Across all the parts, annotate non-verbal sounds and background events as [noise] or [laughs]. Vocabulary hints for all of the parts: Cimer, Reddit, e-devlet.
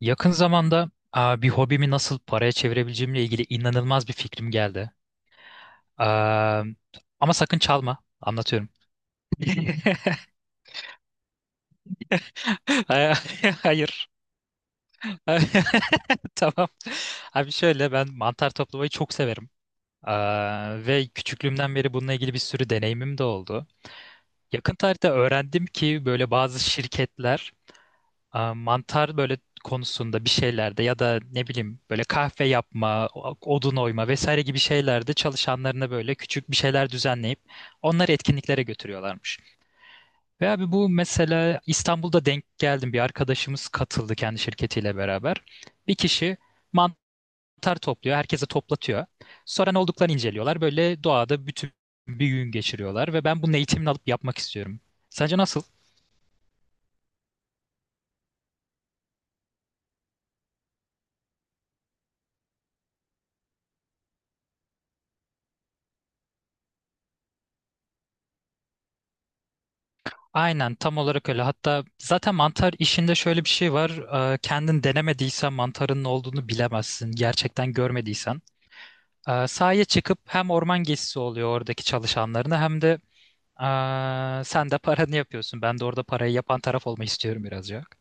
Yakın zamanda bir hobimi nasıl paraya çevirebileceğimle ilgili inanılmaz bir fikrim geldi. Aa, ama sakın çalma. Anlatıyorum. [laughs] Ay- [laughs] Hayır. [laughs] Tamam. Abi şöyle ben mantar toplamayı çok severim. Ve küçüklüğümden beri bununla ilgili bir sürü deneyimim de oldu. Yakın tarihte öğrendim ki böyle bazı şirketler mantar böyle konusunda bir şeylerde ya da ne bileyim böyle kahve yapma, odun oyma vesaire gibi şeylerde çalışanlarına böyle küçük bir şeyler düzenleyip onları etkinliklere götürüyorlarmış. Ve abi bu mesela İstanbul'da denk geldim, bir arkadaşımız katıldı kendi şirketiyle beraber. Bir kişi mantar topluyor, herkese toplatıyor. Sonra ne olduklarını inceliyorlar. Böyle doğada bütün bir gün geçiriyorlar ve ben bunun eğitimini alıp yapmak istiyorum. Sence nasıl? Aynen, tam olarak öyle. Hatta zaten mantar işinde şöyle bir şey var. Kendin denemediysen mantarın ne olduğunu bilemezsin. Gerçekten görmediysen. Sahaya çıkıp hem orman gezisi oluyor oradaki çalışanlarına, hem de sen de paranı yapıyorsun. Ben de orada parayı yapan taraf olmak istiyorum birazcık.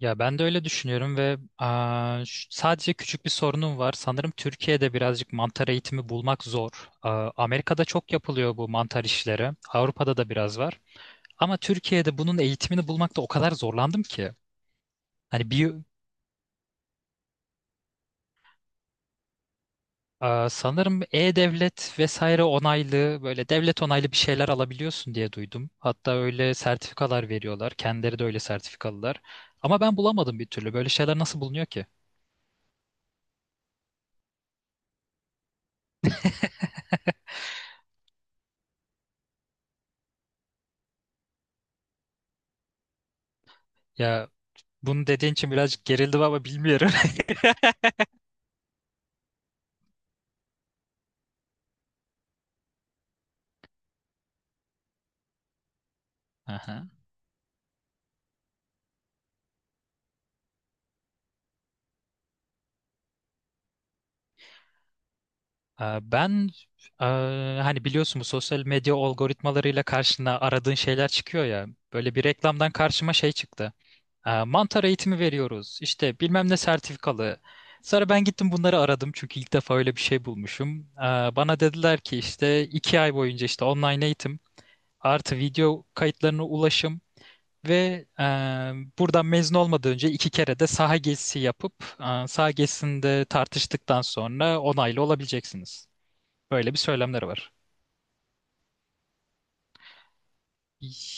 Ya ben de öyle düşünüyorum ve sadece küçük bir sorunum var. Sanırım Türkiye'de birazcık mantar eğitimi bulmak zor. Amerika'da çok yapılıyor bu mantar işleri. Avrupa'da da biraz var. Ama Türkiye'de bunun eğitimini bulmakta o kadar zorlandım ki. Hani bir sanırım E-Devlet vesaire onaylı, böyle devlet onaylı bir şeyler alabiliyorsun diye duydum. Hatta öyle sertifikalar veriyorlar. Kendileri de öyle sertifikalılar. Ama ben bulamadım bir türlü. Böyle şeyler nasıl bulunuyor ki? Ya bunu dediğin için birazcık gerildim ama bilmiyorum. Aha. Ben e, hani biliyorsun, bu sosyal medya algoritmalarıyla karşına aradığın şeyler çıkıyor ya. Böyle bir reklamdan karşıma şey çıktı. Mantar eğitimi veriyoruz. İşte bilmem ne sertifikalı. Sonra ben gittim bunları aradım, çünkü ilk defa öyle bir şey bulmuşum. Bana dediler ki işte 2 ay boyunca işte online eğitim artı video kayıtlarına ulaşım ve buradan mezun olmadan önce 2 kere de saha gezisi yapıp saha gezisinde tartıştıktan sonra onaylı olabileceksiniz. Böyle bir söylemleri var.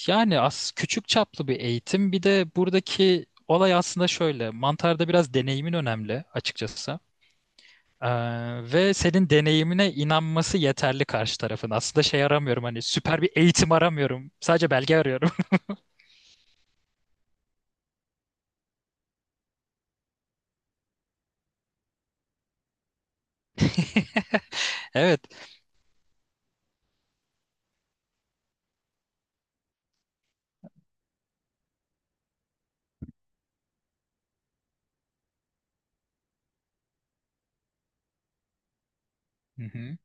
Yani az, küçük çaplı bir eğitim. Bir de buradaki olay aslında şöyle. Mantarda biraz deneyimin önemli açıkçası. Ee, ve senin deneyimine inanması yeterli karşı tarafın. Aslında şey aramıyorum, hani süper bir eğitim aramıyorum. Sadece belge arıyorum. [laughs] Evet. Hı hı.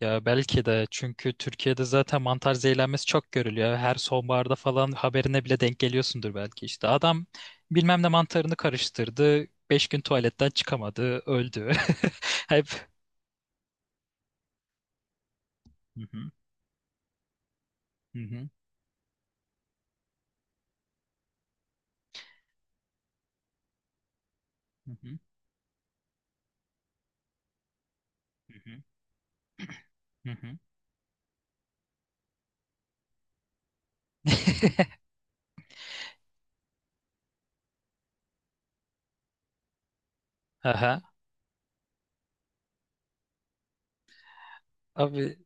Ya belki de, çünkü Türkiye'de zaten mantar zehirlenmesi çok görülüyor. Her sonbaharda falan haberine bile denk geliyorsundur belki, işte. Adam bilmem ne mantarını karıştırdı. 5 gün tuvaletten çıkamadı. Öldü. [laughs] Hep. Hı hı, hı hı, hı hı, hı hı, hı hı. Aha. Abi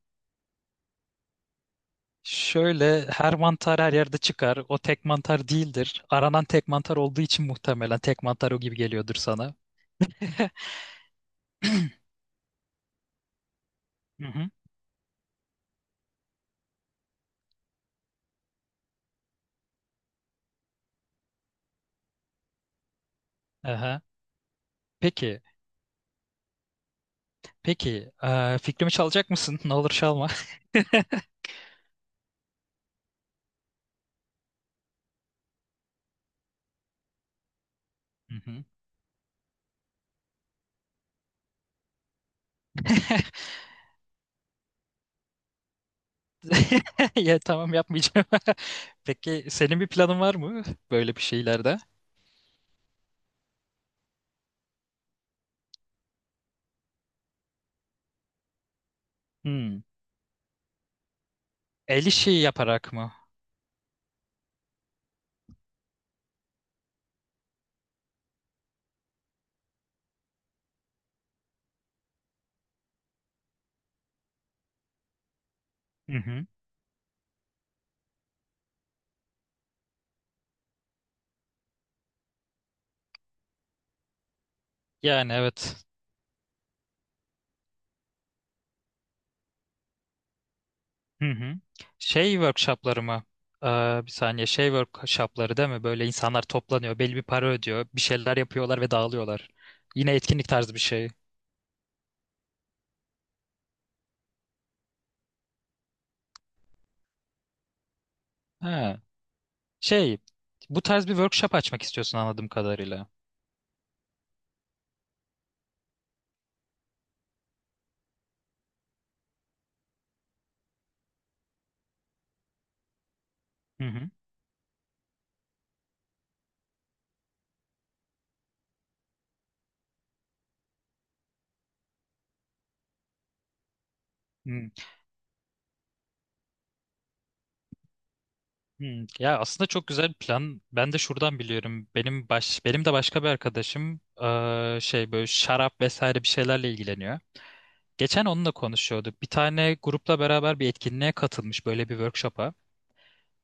şöyle, her mantar her yerde çıkar. O tek mantar değildir. Aranan tek mantar olduğu için muhtemelen tek mantar o gibi geliyordur sana. [laughs] Hı hı. Aha. Peki. Peki. Fikrimi çalacak mısın? [laughs] Ne olur çalma. Hı hı. [laughs] Ya tamam, yapmayacağım. [laughs] Peki senin bir planın var mı böyle bir şeylerde? Hmm. El işi yaparak mı? Hı hı. Yani evet. Hı hı. Şey workshopları mı? Ee, bir saniye, şey workshopları değil mi? Böyle insanlar toplanıyor, belli bir para ödüyor, bir şeyler yapıyorlar ve dağılıyorlar. Yine etkinlik tarzı bir şey. Ha, şey, bu tarz bir workshop açmak istiyorsun anladığım kadarıyla. Hı hı. Hmm, ya aslında çok güzel bir plan. Ben de şuradan biliyorum. Benim de başka bir arkadaşım şey, böyle şarap vesaire bir şeylerle ilgileniyor. Geçen onunla konuşuyorduk. Bir tane grupla beraber bir etkinliğe katılmış, böyle bir workshop'a.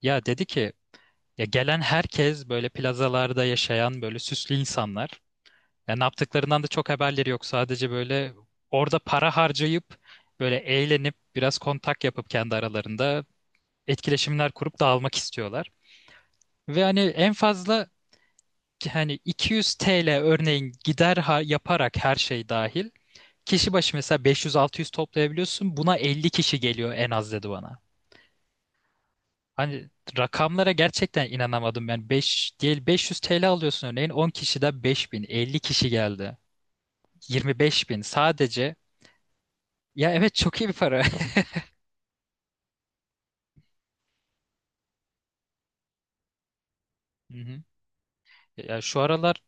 Ya dedi ki, ya gelen herkes böyle plazalarda yaşayan böyle süslü insanlar. Ya ne yaptıklarından da çok haberleri yok. Sadece böyle orada para harcayıp böyle eğlenip, biraz kontak yapıp kendi aralarında etkileşimler kurup dağılmak istiyorlar. Ve hani en fazla hani 200 TL örneğin gider yaparak, her şey dahil kişi başı mesela 500-600 toplayabiliyorsun. Buna 50 kişi geliyor en az, dedi bana. Hani rakamlara gerçekten inanamadım ben. 5 değil 500 TL alıyorsun örneğin, 10 kişiden 5.000, 50 kişi geldi, 25.000 sadece. Ya evet, çok iyi bir para. [laughs] Hı hı. Ya şu aralar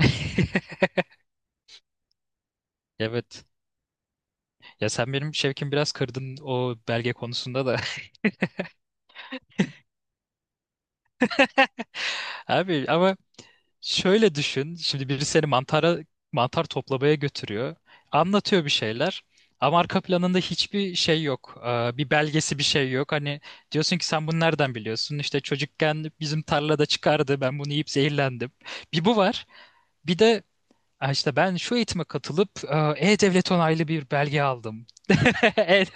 [laughs] evet. Ya sen benim şevkimi biraz kırdın o belge konusunda da. [laughs] Abi ama şöyle düşün. Şimdi biri seni mantar toplamaya götürüyor. Anlatıyor bir şeyler. Ama arka planında hiçbir şey yok. Bir belgesi, bir şey yok. Hani diyorsun ki, sen bunu nereden biliyorsun? İşte çocukken bizim tarlada çıkardı. Ben bunu yiyip zehirlendim. Bir, bu var. Bir de "Ha işte ben şu eğitime katılıp E-Devlet onaylı bir belge aldım." [laughs] Evet.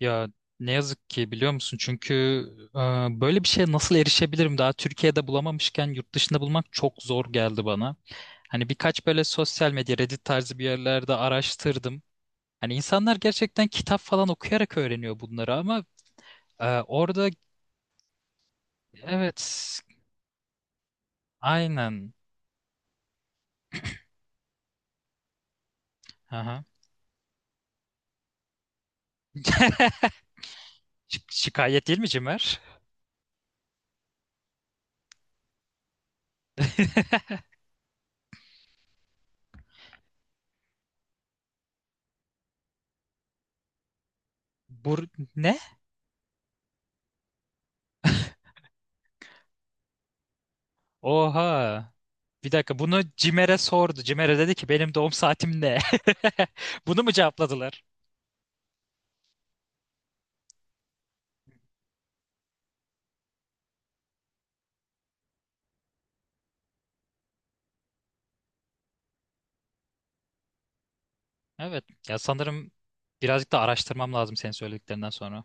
Ya ne yazık ki, biliyor musun? Çünkü e, böyle bir şeye nasıl erişebilirim? Daha Türkiye'de bulamamışken yurt dışında bulmak çok zor geldi bana. Hani birkaç böyle sosyal medya, Reddit tarzı bir yerlerde araştırdım. Hani insanlar gerçekten kitap falan okuyarak öğreniyor bunları, ama orada. Evet, aynen. Aha. Şikayet değil mi Cimer? Bu ne? Oha. Bir dakika, bunu Cimer'e sordu. Cimer'e dedi ki, benim doğum saatim ne? [laughs] Bunu mu cevapladılar? Evet. Ya sanırım birazcık da araştırmam lazım senin söylediklerinden sonra.